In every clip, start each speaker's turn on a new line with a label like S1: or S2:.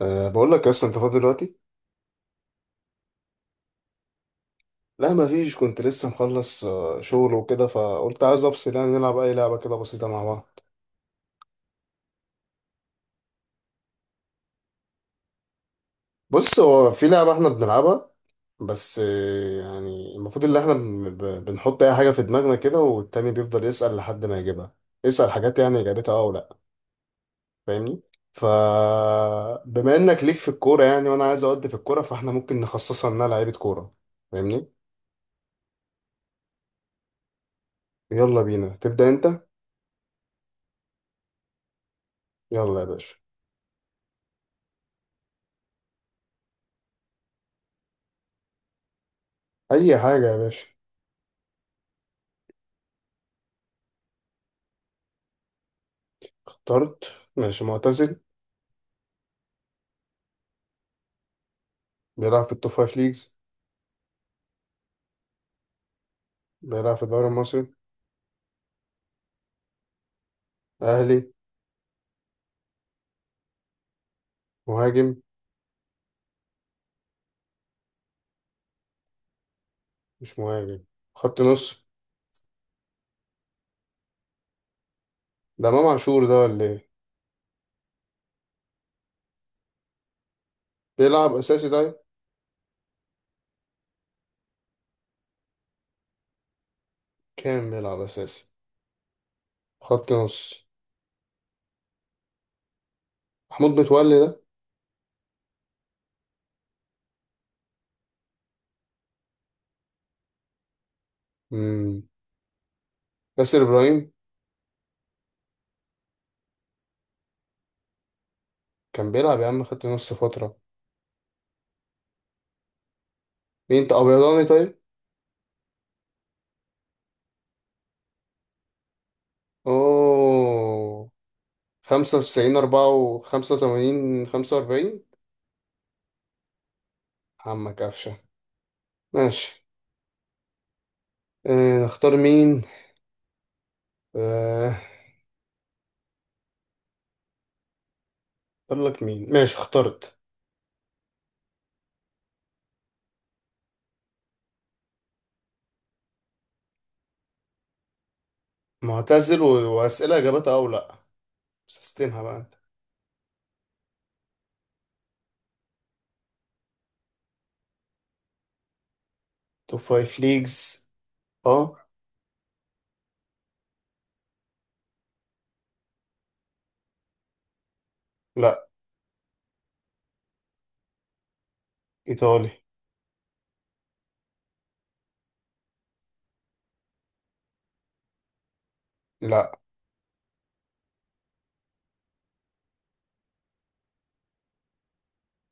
S1: بقول لك اصلا انت فاضي دلوقتي. لا ما فيش، كنت لسه مخلص شغل وكده، فقلت عايز افصل يعني نلعب اي لعبه كده بسيطه مع بعض. بص، هو في لعبه احنا بنلعبها، بس يعني المفروض ان احنا بنحط اي حاجه في دماغنا كده، والتاني بيفضل يسال لحد ما يجيبها. يسال حاجات يعني اجابتها اه ولا. فاهمني؟ ف بما انك ليك في الكوره يعني، وانا عايز اودي في الكوره، فاحنا ممكن نخصصها انها لعيبه كوره. فاهمني؟ يلا بينا، تبدا انت. يلا يا باشا. اي حاجه يا باشا. طرد. ماشي، معتزل. بيلعب في التوب فايف ليجز. بيلعب في الدوري المصري. أهلي. مهاجم. مش مهاجم. خط نص. ده إمام عاشور ده ولا إيه؟ بيلعب أساسي ده. كام بيلعب أساسي. خط نص. محمود متولي ده. مم. ياسر إبراهيم. كان بيلعب يا عم خط نص فترة. مين أنت، أبيضاني طيب؟ أوه. خمسة وتسعين، أربعة وخمسة وتمانين، خمسة وأربعين. عمك قفشة. ماشي. نختار مين؟ آه، اختار لك مين. ماشي اخترت. معتزل و... واسئله اجابتها او لا. سيستمها بقى انت. توب فايف ليجز. اه. لا. ايطالي. لا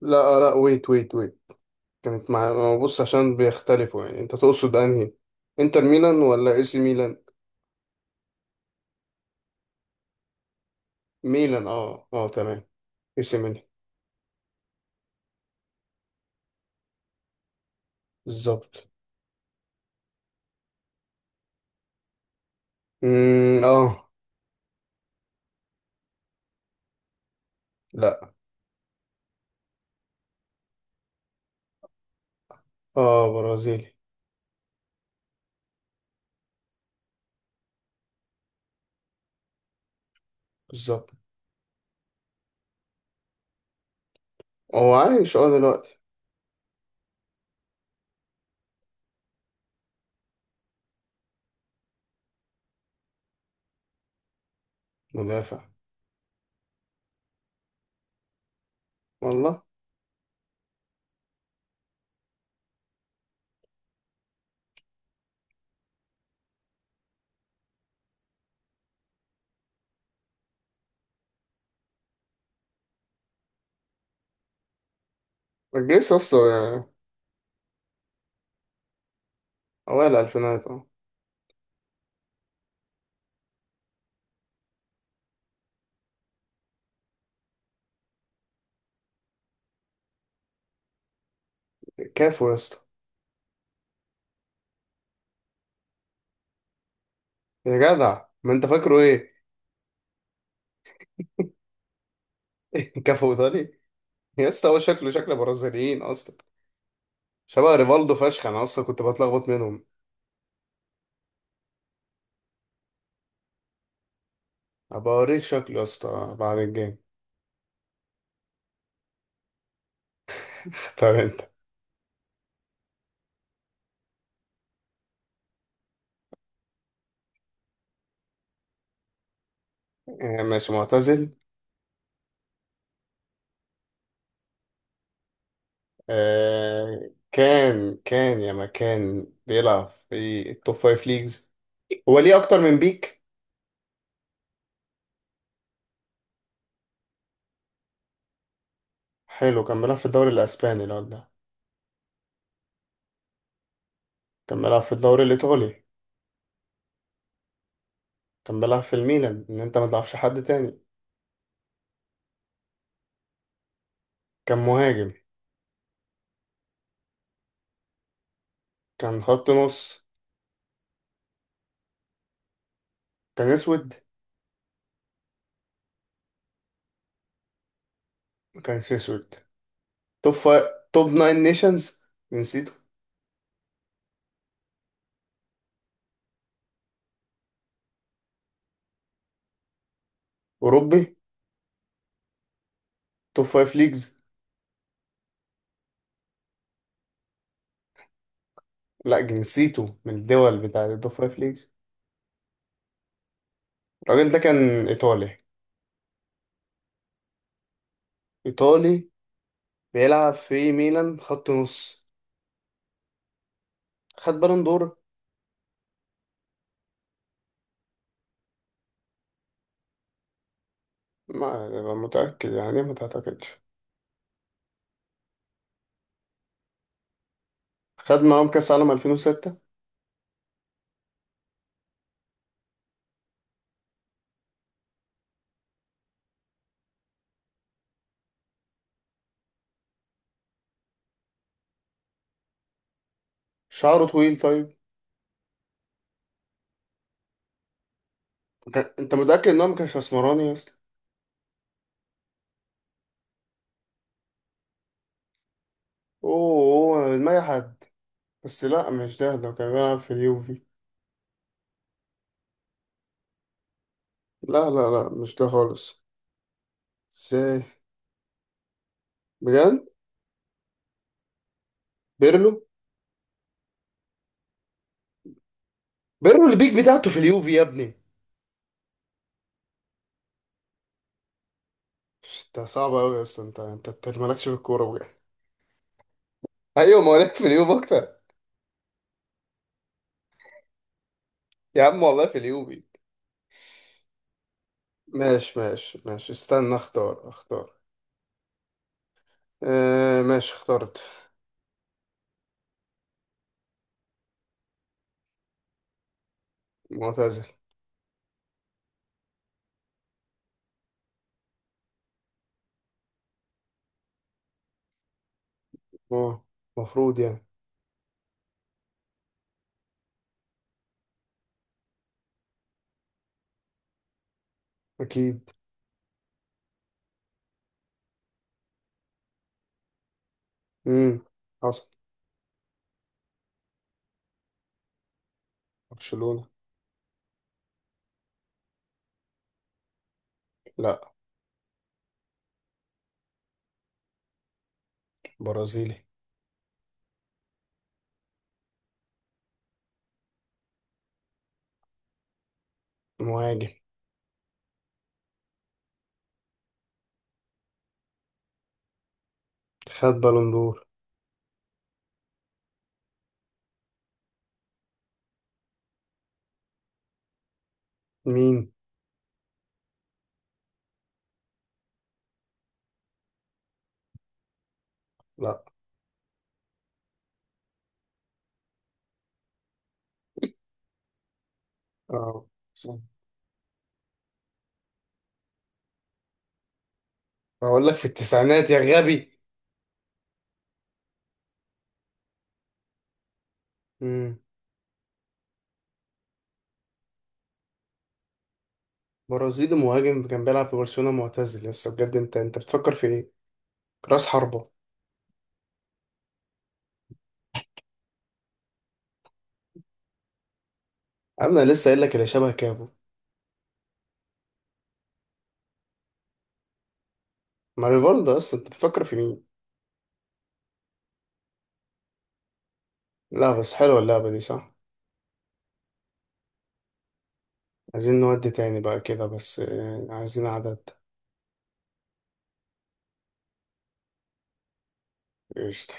S1: لا لا، ويت ويت ويت. كانت مع، ما بص عشان بيختلفوا، يعني انت تقصد انهي؟ انتر ميلان ولا اي سي ميلان؟ ميلان، اه اه تمام. اي سي ميلان. بالظبط. اه. لا. اه برازيلي. بالظبط. هو عايش دلوقتي. مدافع. والله. الجيس اصلا يعني. اوائل الالفينات اه. كافو يا اسطى. يا جدع ما انت فاكره ايه. كفو ايطالي يا اسطى، هو شكله شكل برازيليين اصلا. شبه ريفالدو فشخ، انا اصلا كنت بتلخبط منهم. ابقى اوريك شكله يا اسطى بعد الجيم. طب انت. آه، ماشي معتزل. آه كان كان يا ما كان بيلعب في التوب فايف ليجز. هو ليه اكتر من بيك. حلو. كان بيلعب في الدوري الاسباني الواد ده. كان بيلعب في الدوري الايطالي. كان بيلعب في الميلان، ان انت ما تلعبش حد تاني. كان مهاجم. كان خط نص. كان اسود. ما كانش اسود. توب فايف. توب ناين نيشنز. نسيته. أوروبي. توب فايف ليجز. لا نسيته من الدول بتاع التوب فايف ليجز. الراجل ده كان إيطالي. إيطالي. بيلعب في ميلان، خط نص. خد بالون دور. ما أنا متأكد يعني، ما تعتقدش. خد معاهم كأس عالم 2006. شعره طويل طيب. أنت متأكد إن هو ما كانش أسمراني أصلا؟ أوه أوه، انا دماغي حد. بس لا، مش ده، ده كان بيلعب في اليوفي. لا لا لا مش ده خالص. ازاي؟ بجد؟ بيرلو. بيرلو البيك بتاعته في اليوفي يا ابني. انت صعب قوي يا اسطى، انت مالكش في الكوره بجد. ايوه، ما هو لك في اليوفي اكتر. يا عم والله في اليوفي. ماشي ماشي ماشي استنى، اختار اختار. اه ماشي اخترت. معتزل. اه مفروض يعني. اكيد. امم حصل. برشلونه. لا. برازيلي. مهاجم. خد بالون دور. مين؟ لا. اه صح. بقول لك في التسعينات يا غبي. امم برازيلي مهاجم، كان بيلعب في برشلونة، معتزل لسه، بجد انت بتفكر في ايه؟ راس حربة. انا لسه قايل لك اللي شبه كافو. ما ريفالدو اصلا، انت بتفكر في مين؟ لا بس حلوة اللعبة دي صح؟ عايزين نودي تاني بقى كده، بس عايزين عدد. قشطة.